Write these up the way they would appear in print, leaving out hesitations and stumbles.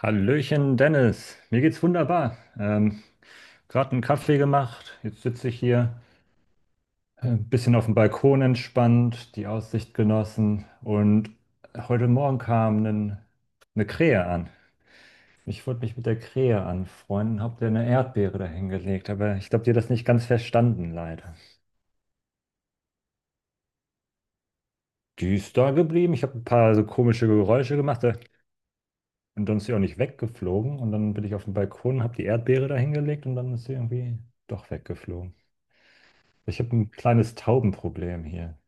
Hallöchen, Dennis. Mir geht's wunderbar. Gerade einen Kaffee gemacht. Jetzt sitze ich hier ein bisschen auf dem Balkon entspannt, die Aussicht genossen. Und heute Morgen kam eine Krähe an. Ich wollte mich mit der Krähe anfreunden, hab dir eine Erdbeere dahingelegt, aber ich glaube, die hat das nicht ganz verstanden, leider. Die ist da geblieben. Ich habe ein paar so komische Geräusche gemacht, und dann ist sie auch nicht weggeflogen. Und dann bin ich auf dem Balkon, habe die Erdbeere dahingelegt und dann ist sie irgendwie doch weggeflogen. Ich habe ein kleines Taubenproblem hier.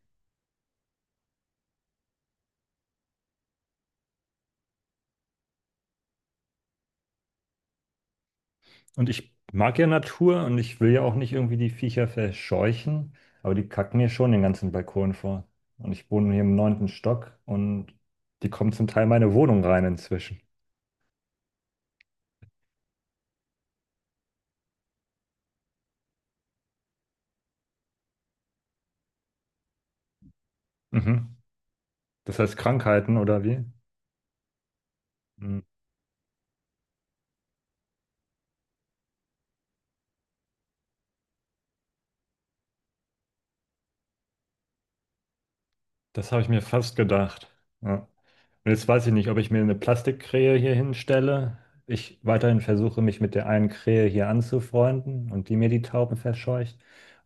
Und ich mag ja Natur und ich will ja auch nicht irgendwie die Viecher verscheuchen, aber die kacken mir schon den ganzen Balkon vor. Und ich wohne hier im neunten Stock und die kommen zum Teil in meine Wohnung rein inzwischen. Mhm. Das heißt Krankheiten oder wie? Mhm. Das habe ich mir fast gedacht. Ja. Jetzt weiß ich nicht, ob ich mir eine Plastikkrähe hier hinstelle, ich weiterhin versuche, mich mit der einen Krähe hier anzufreunden und die mir die Tauben verscheucht.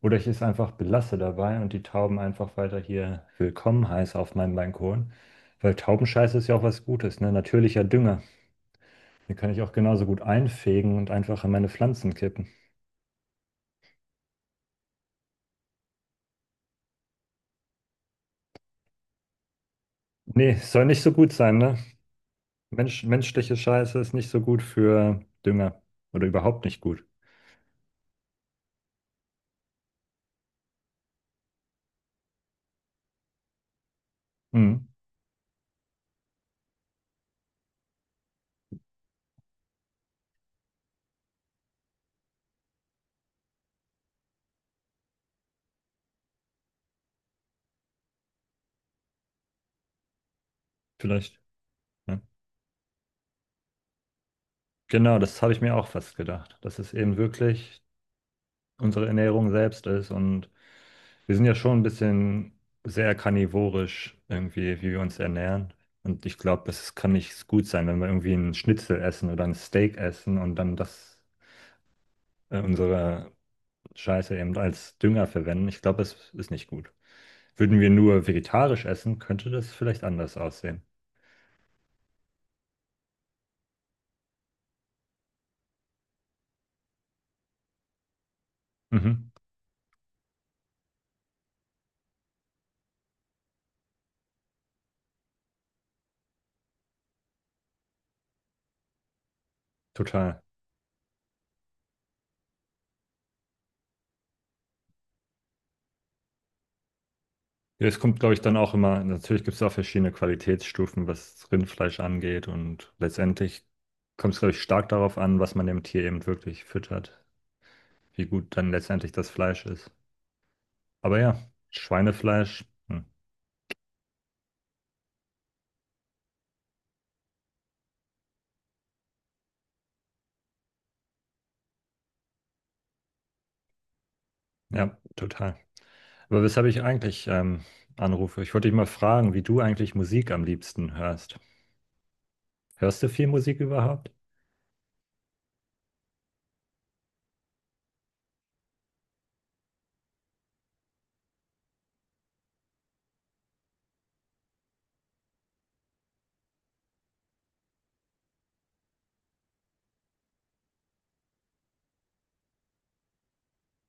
Oder ich es einfach belasse dabei und die Tauben einfach weiter hier willkommen heiße auf meinem Balkon. Weil Taubenscheiße ist ja auch was Gutes, ne? Natürlicher Dünger. Den kann ich auch genauso gut einfegen und einfach in meine Pflanzen kippen. Nee, soll nicht so gut sein, ne? Mensch, menschliche Scheiße ist nicht so gut für Dünger. Oder überhaupt nicht gut. Hm, vielleicht. Ja. Genau, das habe ich mir auch fast gedacht, dass es eben wirklich unsere Ernährung selbst ist und wir sind ja schon ein bisschen sehr karnivorisch irgendwie, wie wir uns ernähren. Und ich glaube, das kann nicht gut sein, wenn wir irgendwie einen Schnitzel essen oder ein Steak essen und dann das unsere Scheiße eben als Dünger verwenden. Ich glaube, das ist nicht gut. Würden wir nur vegetarisch essen, könnte das vielleicht anders aussehen. Mhm, total. Ja, es kommt, glaube ich, dann auch immer, natürlich gibt es auch verschiedene Qualitätsstufen, was Rindfleisch angeht und letztendlich kommt es, glaube ich, stark darauf an, was man dem Tier eben wirklich füttert, wie gut dann letztendlich das Fleisch ist. Aber ja, Schweinefleisch, hm, ja, total. Aber weshalb ich eigentlich anrufe, ich wollte dich mal fragen, wie du eigentlich Musik am liebsten hörst. Hörst du viel Musik überhaupt?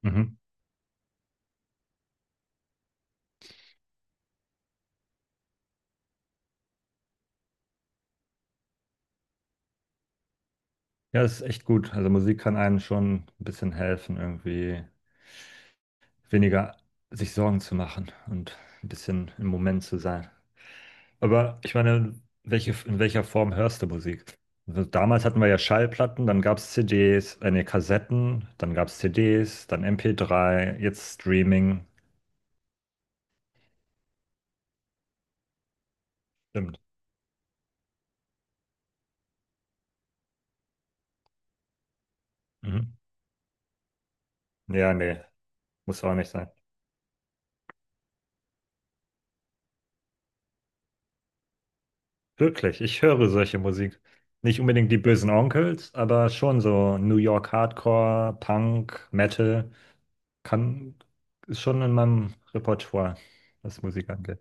Mhm. Ja, das ist echt gut. Also Musik kann einem schon ein bisschen helfen, irgendwie weniger sich Sorgen zu machen und ein bisschen im Moment zu sein. Aber ich meine, welche, in welcher Form hörst du Musik? Also damals hatten wir ja Schallplatten, dann gab es CDs, Kassetten, dann gab es CDs, dann MP3, jetzt Streaming. Stimmt. Mhm. Ja, nee, muss auch nicht sein. Wirklich, ich höre solche Musik. Nicht unbedingt die bösen Onkels, aber schon so New York Hardcore, Punk, Metal. Kann, ist schon in meinem Repertoire, was Musik angeht.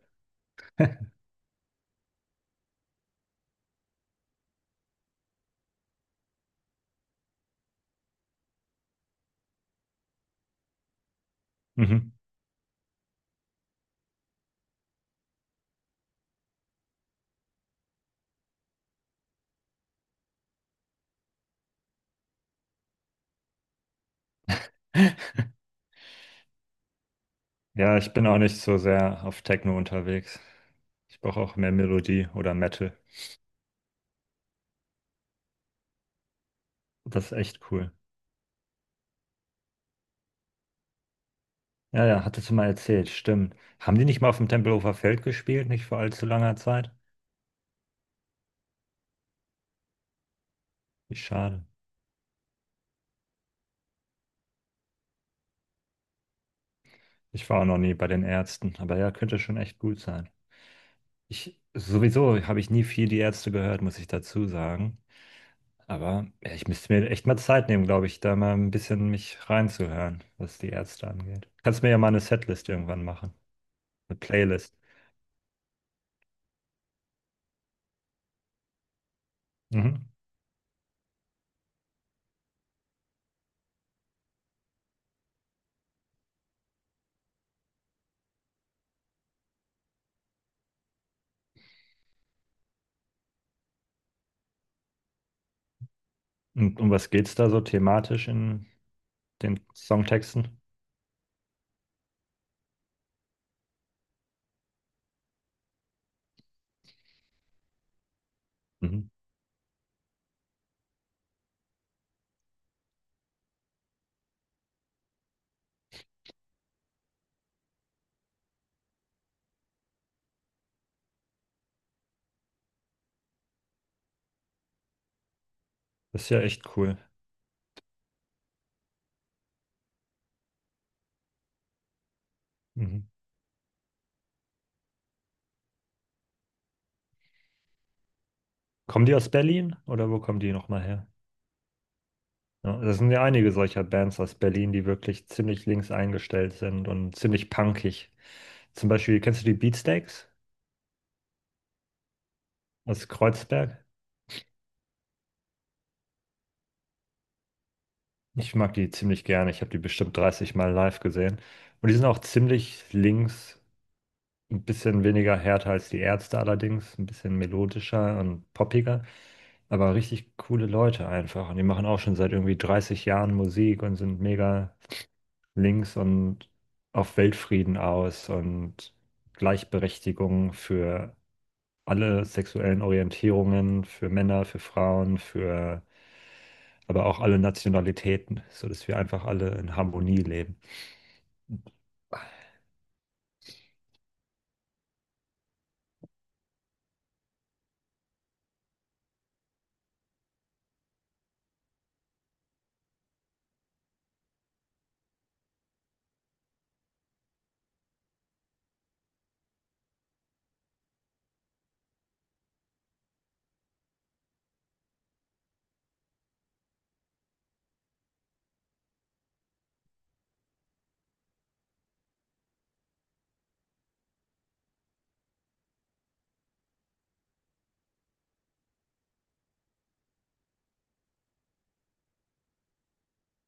Mhm. Ja, ich bin auch nicht so sehr auf Techno unterwegs. Ich brauche auch mehr Melodie oder Metal. Das ist echt cool. Ja, ja, hattest du mal erzählt, stimmt. Haben die nicht mal auf dem Tempelhofer Feld gespielt, nicht vor allzu langer Zeit? Wie schade. Ich war auch noch nie bei den Ärzten, aber ja, könnte schon echt gut sein. Ich, sowieso habe ich nie viel die Ärzte gehört, muss ich dazu sagen. Aber ja, ich müsste mir echt mal Zeit nehmen, glaube ich, da mal ein bisschen mich reinzuhören, was die Ärzte angeht. Kannst mir ja mal eine Setlist irgendwann machen. Eine Playlist. Mhm. Und um was geht's da so thematisch in den Songtexten? Mhm. Das ist ja echt cool. Mhm. Kommen die aus Berlin oder wo kommen die nochmal her? Ja, das sind ja einige solcher Bands aus Berlin, die wirklich ziemlich links eingestellt sind und ziemlich punkig. Zum Beispiel, kennst du die Beatsteaks aus Kreuzberg? Ich mag die ziemlich gerne. Ich habe die bestimmt 30 Mal live gesehen. Und die sind auch ziemlich links, ein bisschen weniger härter als die Ärzte allerdings, ein bisschen melodischer und poppiger, aber richtig coole Leute einfach. Und die machen auch schon seit irgendwie 30 Jahren Musik und sind mega links und auf Weltfrieden aus und Gleichberechtigung für alle sexuellen Orientierungen, für Männer, für Frauen, für aber auch alle Nationalitäten, sodass wir einfach alle in Harmonie leben.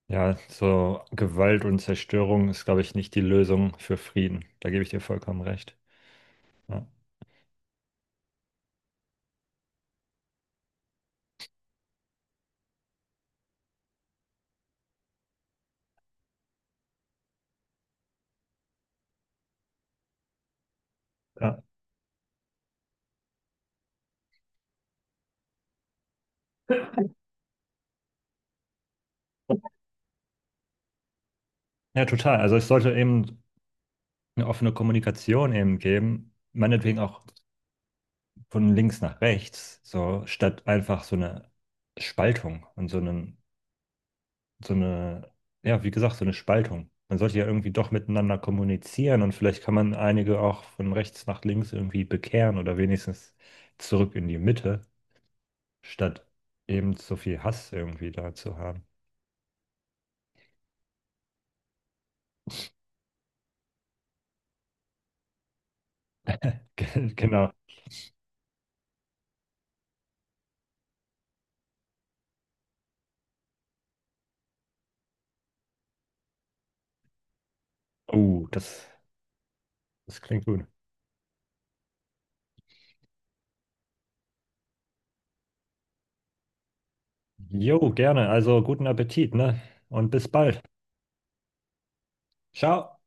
Ja, so Gewalt und Zerstörung ist, glaube ich, nicht die Lösung für Frieden. Da gebe ich dir vollkommen recht. Ja, ja. Ja, total. Also es sollte eben eine offene Kommunikation eben geben, meinetwegen auch von links nach rechts, so statt einfach so eine Spaltung und so einen, so eine, ja, wie gesagt, so eine Spaltung. Man sollte ja irgendwie doch miteinander kommunizieren und vielleicht kann man einige auch von rechts nach links irgendwie bekehren oder wenigstens zurück in die Mitte, statt eben so viel Hass irgendwie da zu haben. Genau. Oh, das, das klingt gut. Jo, gerne. Also guten Appetit, ne? Und bis bald. Ciao.